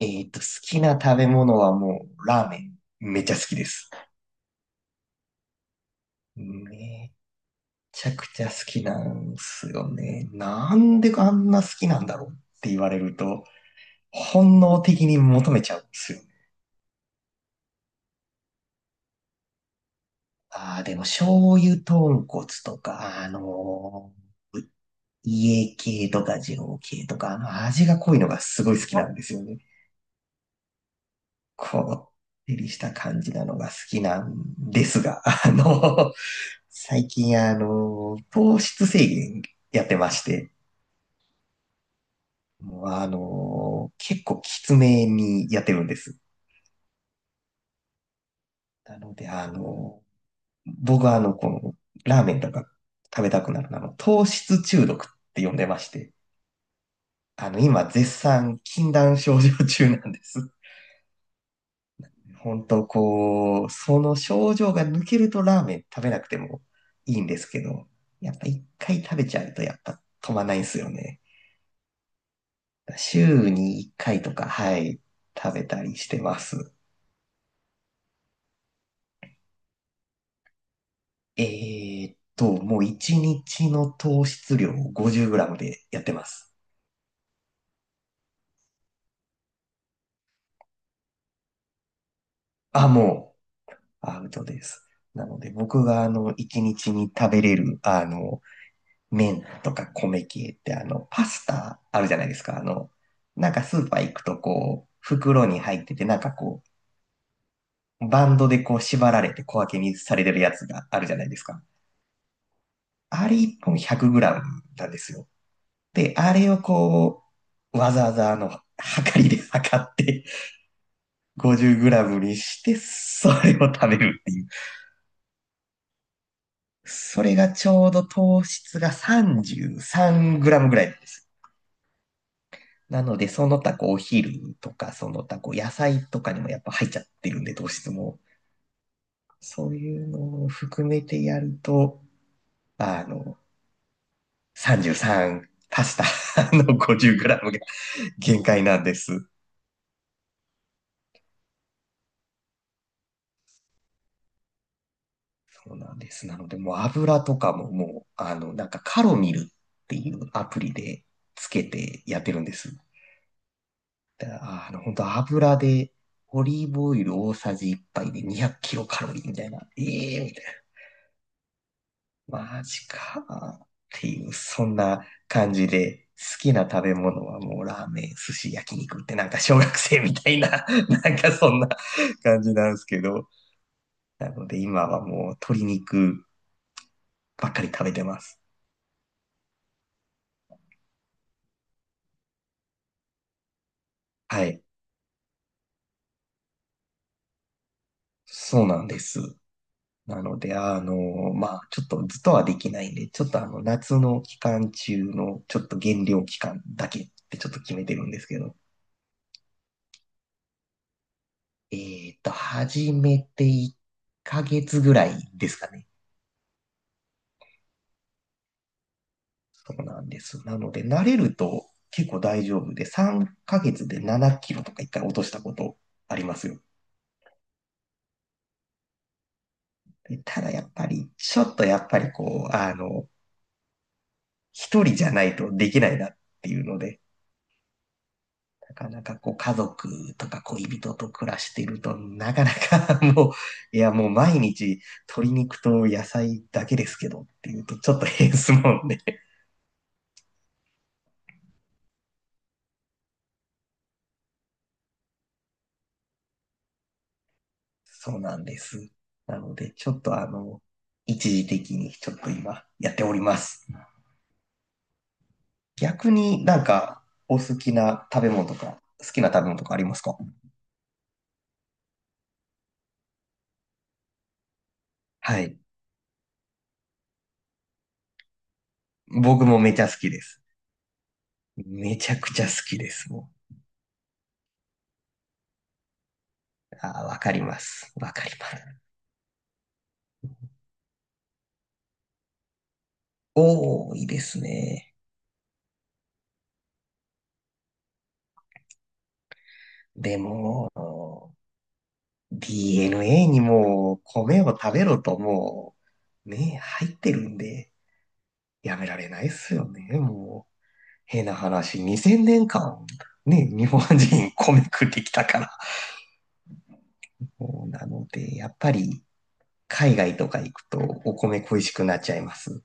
好きな食べ物はもう、ラーメン。めっちゃ好きです。めちゃくちゃ好きなんすよね。なんであんな好きなんだろうって言われると、本能的に求めちゃうんですよね。ああ、でも醤油豚骨とか、家系とか二郎系とか、味が濃いのがすごい好きなんですよね。こってりした感じなのが好きなんですが、最近、糖質制限やってまして、もう結構きつめにやってるんです。なので、僕はラーメンとか食べたくなるのは、糖質中毒って呼んでまして、今、絶賛禁断症状中なんです。本当その症状が抜けるとラーメン食べなくてもいいんですけど、やっぱ一回食べちゃうと、やっぱ止まんないんですよね。週に1回とか、はい、食べたりしてます。もう1日の糖質量を 50g でやってます。あ、もう、アウトです。なので、僕が1日にちに食べれる、麺とか米系って、パスタあるじゃないですか。なんかスーパー行くと袋に入ってて、なんかバンドで縛られて小分けにされてるやつがあるじゃないですか。あれ1本 100g なんですよ。で、あれをわざわざ測りで測って 50g にして、それを食べるっていう。それがちょうど糖質が 33g ぐらいです。なので、その他お昼とか、その他野菜とかにもやっぱ入っちゃってるんで、糖質も。そういうのを含めてやると、あの、33パスタの 50g が限界なんです。そうなんです。なので、もう油とかももう、なんかカロミルっていうアプリでつけてやってるんです。だから本当油で、オリーブオイル大さじ1杯で200キロカロリーみたいな。ええみたいな。マジか。っていう、そんな感じで、好きな食べ物はもうラーメン、寿司、焼肉ってなんか小学生みたいな、なんかそんな感じなんですけど。なので今はもう鶏肉ばっかり食べてます。はい。そうなんです。なので、ちょっとずっとはできないんで、ちょっと夏の期間中の、ちょっと減量期間だけってちょっと決めてるんですけど、始めて1ヶ月ぐらいですかね。そうなんです。なので、慣れると結構大丈夫で、3ヶ月で7キロとか1回落としたことありますよ。でただやっぱり、ちょっとやっぱり一人じゃないとできないなっていうので、なかなか家族とか恋人と暮らしてると、なかなか もう、いやもう毎日鶏肉と野菜だけですけどっていうとちょっと変ですもんね。そうなんです。なので、ちょっと一時的にちょっと今やっております。逆になんかお好きな食べ物とか、好きな食べ物とかありますか？はい。僕もめちゃ好きです。めちゃくちゃ好きです。もう。あー、わかります。わかります。多いですね。でも、DNA にもう米を食べろともう、ね、入ってるんで、やめられないっすよね、もう。変な話、2000年間、ね、日本人米食ってきたから。もうなので、やっぱり、海外とか行くとお米恋しくなっちゃいます。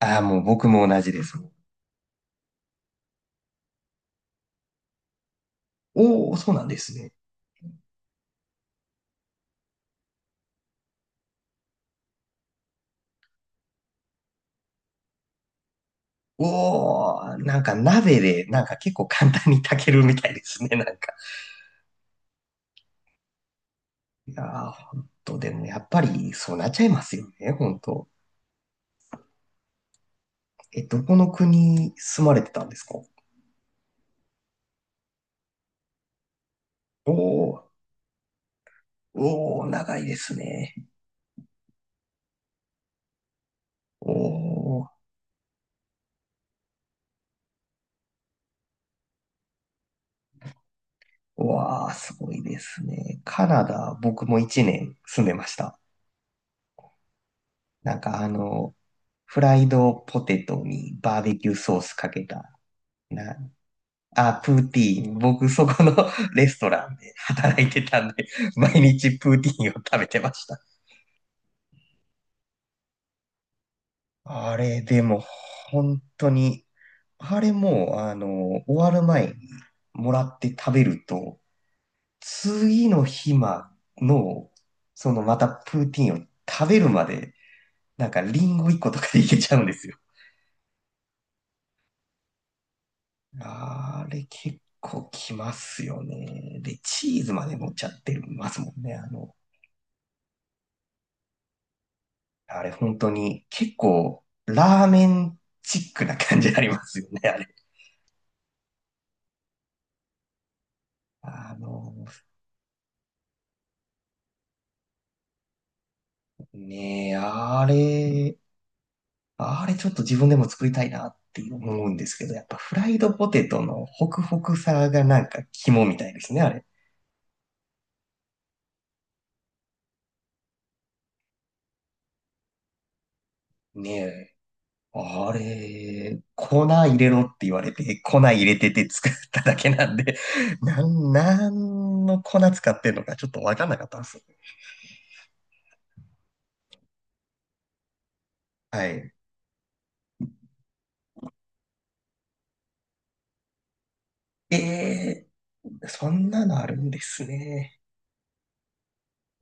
ああ、もう僕も同じです。おお、そうなんですね。おお、なんか鍋で、なんか結構簡単に炊けるみたいですね、なんか。いやー、本当でもやっぱりそうなっちゃいますよね、本当。え、どこの国住まれてたんですか？おー、おー、長いですね。おー、わー、すごいですね。カナダ、僕も1年住んでました。なんかフライドポテトにバーベキューソースかけた、な、プーティーン。僕そこの レストランで働いてたんで、毎日プーティーンを食べてました。あれ、でも、本当にあれも、終わる前にもらって食べると、次の日まの、そのまたプーティンを食べるまで、なんかリンゴ1個とかでいけちゃうんですよ。あれ結構きますよね。で、チーズまで乗っちゃってますもんね。あれ本当に結構ラーメンチックな感じになりますよね、あれ。あの、ねえ、あれちょっと自分でも作りたいなって思うんですけど、やっぱフライドポテトのホクホクさがなんか肝みたいですね、あれ。ねえ。あれ、粉入れろって言われて、粉入れてて作っただけなんで、なんの粉使ってんのかちょっとわかんなかったんです。はい。えそんなのあるんですね。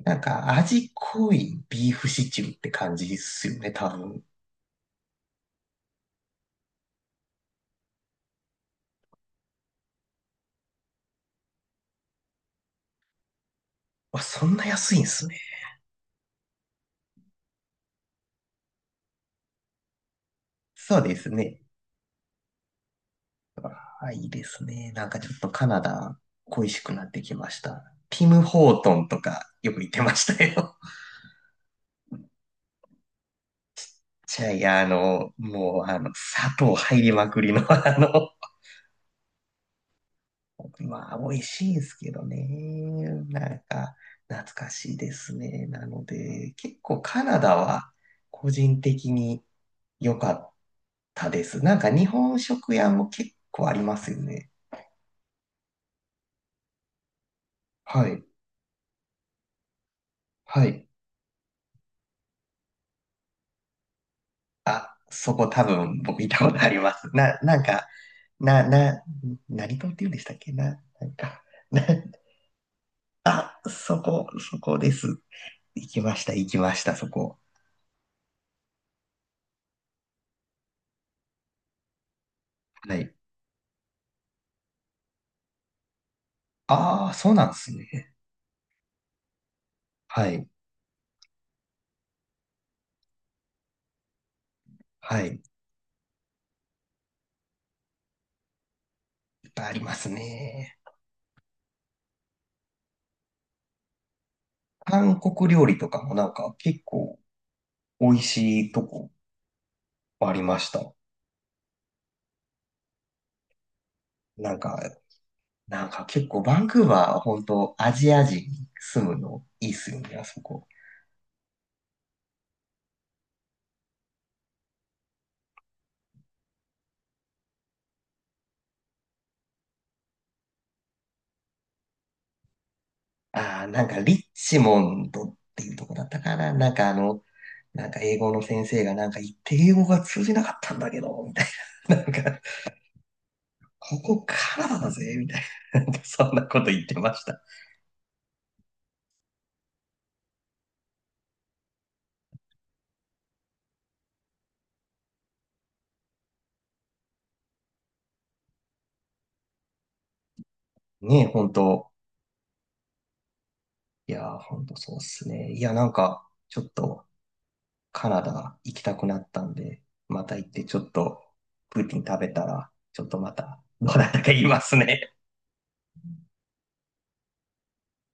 なんか味濃いビーフシチューって感じですよね、多分。あ、そんな安いんですね。そうですね。あ、いいですね。なんかちょっとカナダ恋しくなってきました。ティム・ホートンとかよく言ってましたよ。じゃあ、いや、もう、砂糖入りまくりの、まあ、美味しいんですけどね。なんか、懐かしいですね。なので、結構カナダは個人的に良かったです。なんか日本食屋も結構ありますよね。はい。はい。あ、そこ多分僕行ったことあります。な、なんか、な、な、何島って言うんでしたっけな、なんか、な、あ、そこ、そこです。行きました、行きました、そこ。はい。ああ、そうなんですね。はい、はい。いっぱいありますね。韓国料理とかもなんか結構美味しいとこありました。なんか、なんか結構バンクーバーは本当アジア人住むのいいっすよね、あそこ。ああ、なんかリッチモンドっていうとこだったかな。なんかなんか英語の先生がなんか言って英語が通じなかったんだけど、みたいな。なんか、ここカナダだぜ、みたいな。なんかそんなこと言ってました。ねえ、本当。いやー、本当そうっすね。いや、なんか、ちょっとカナダ行きたくなったんで、また行ってちょっとプーティン食べたら、ちょっとまた、どうだったか言いますね。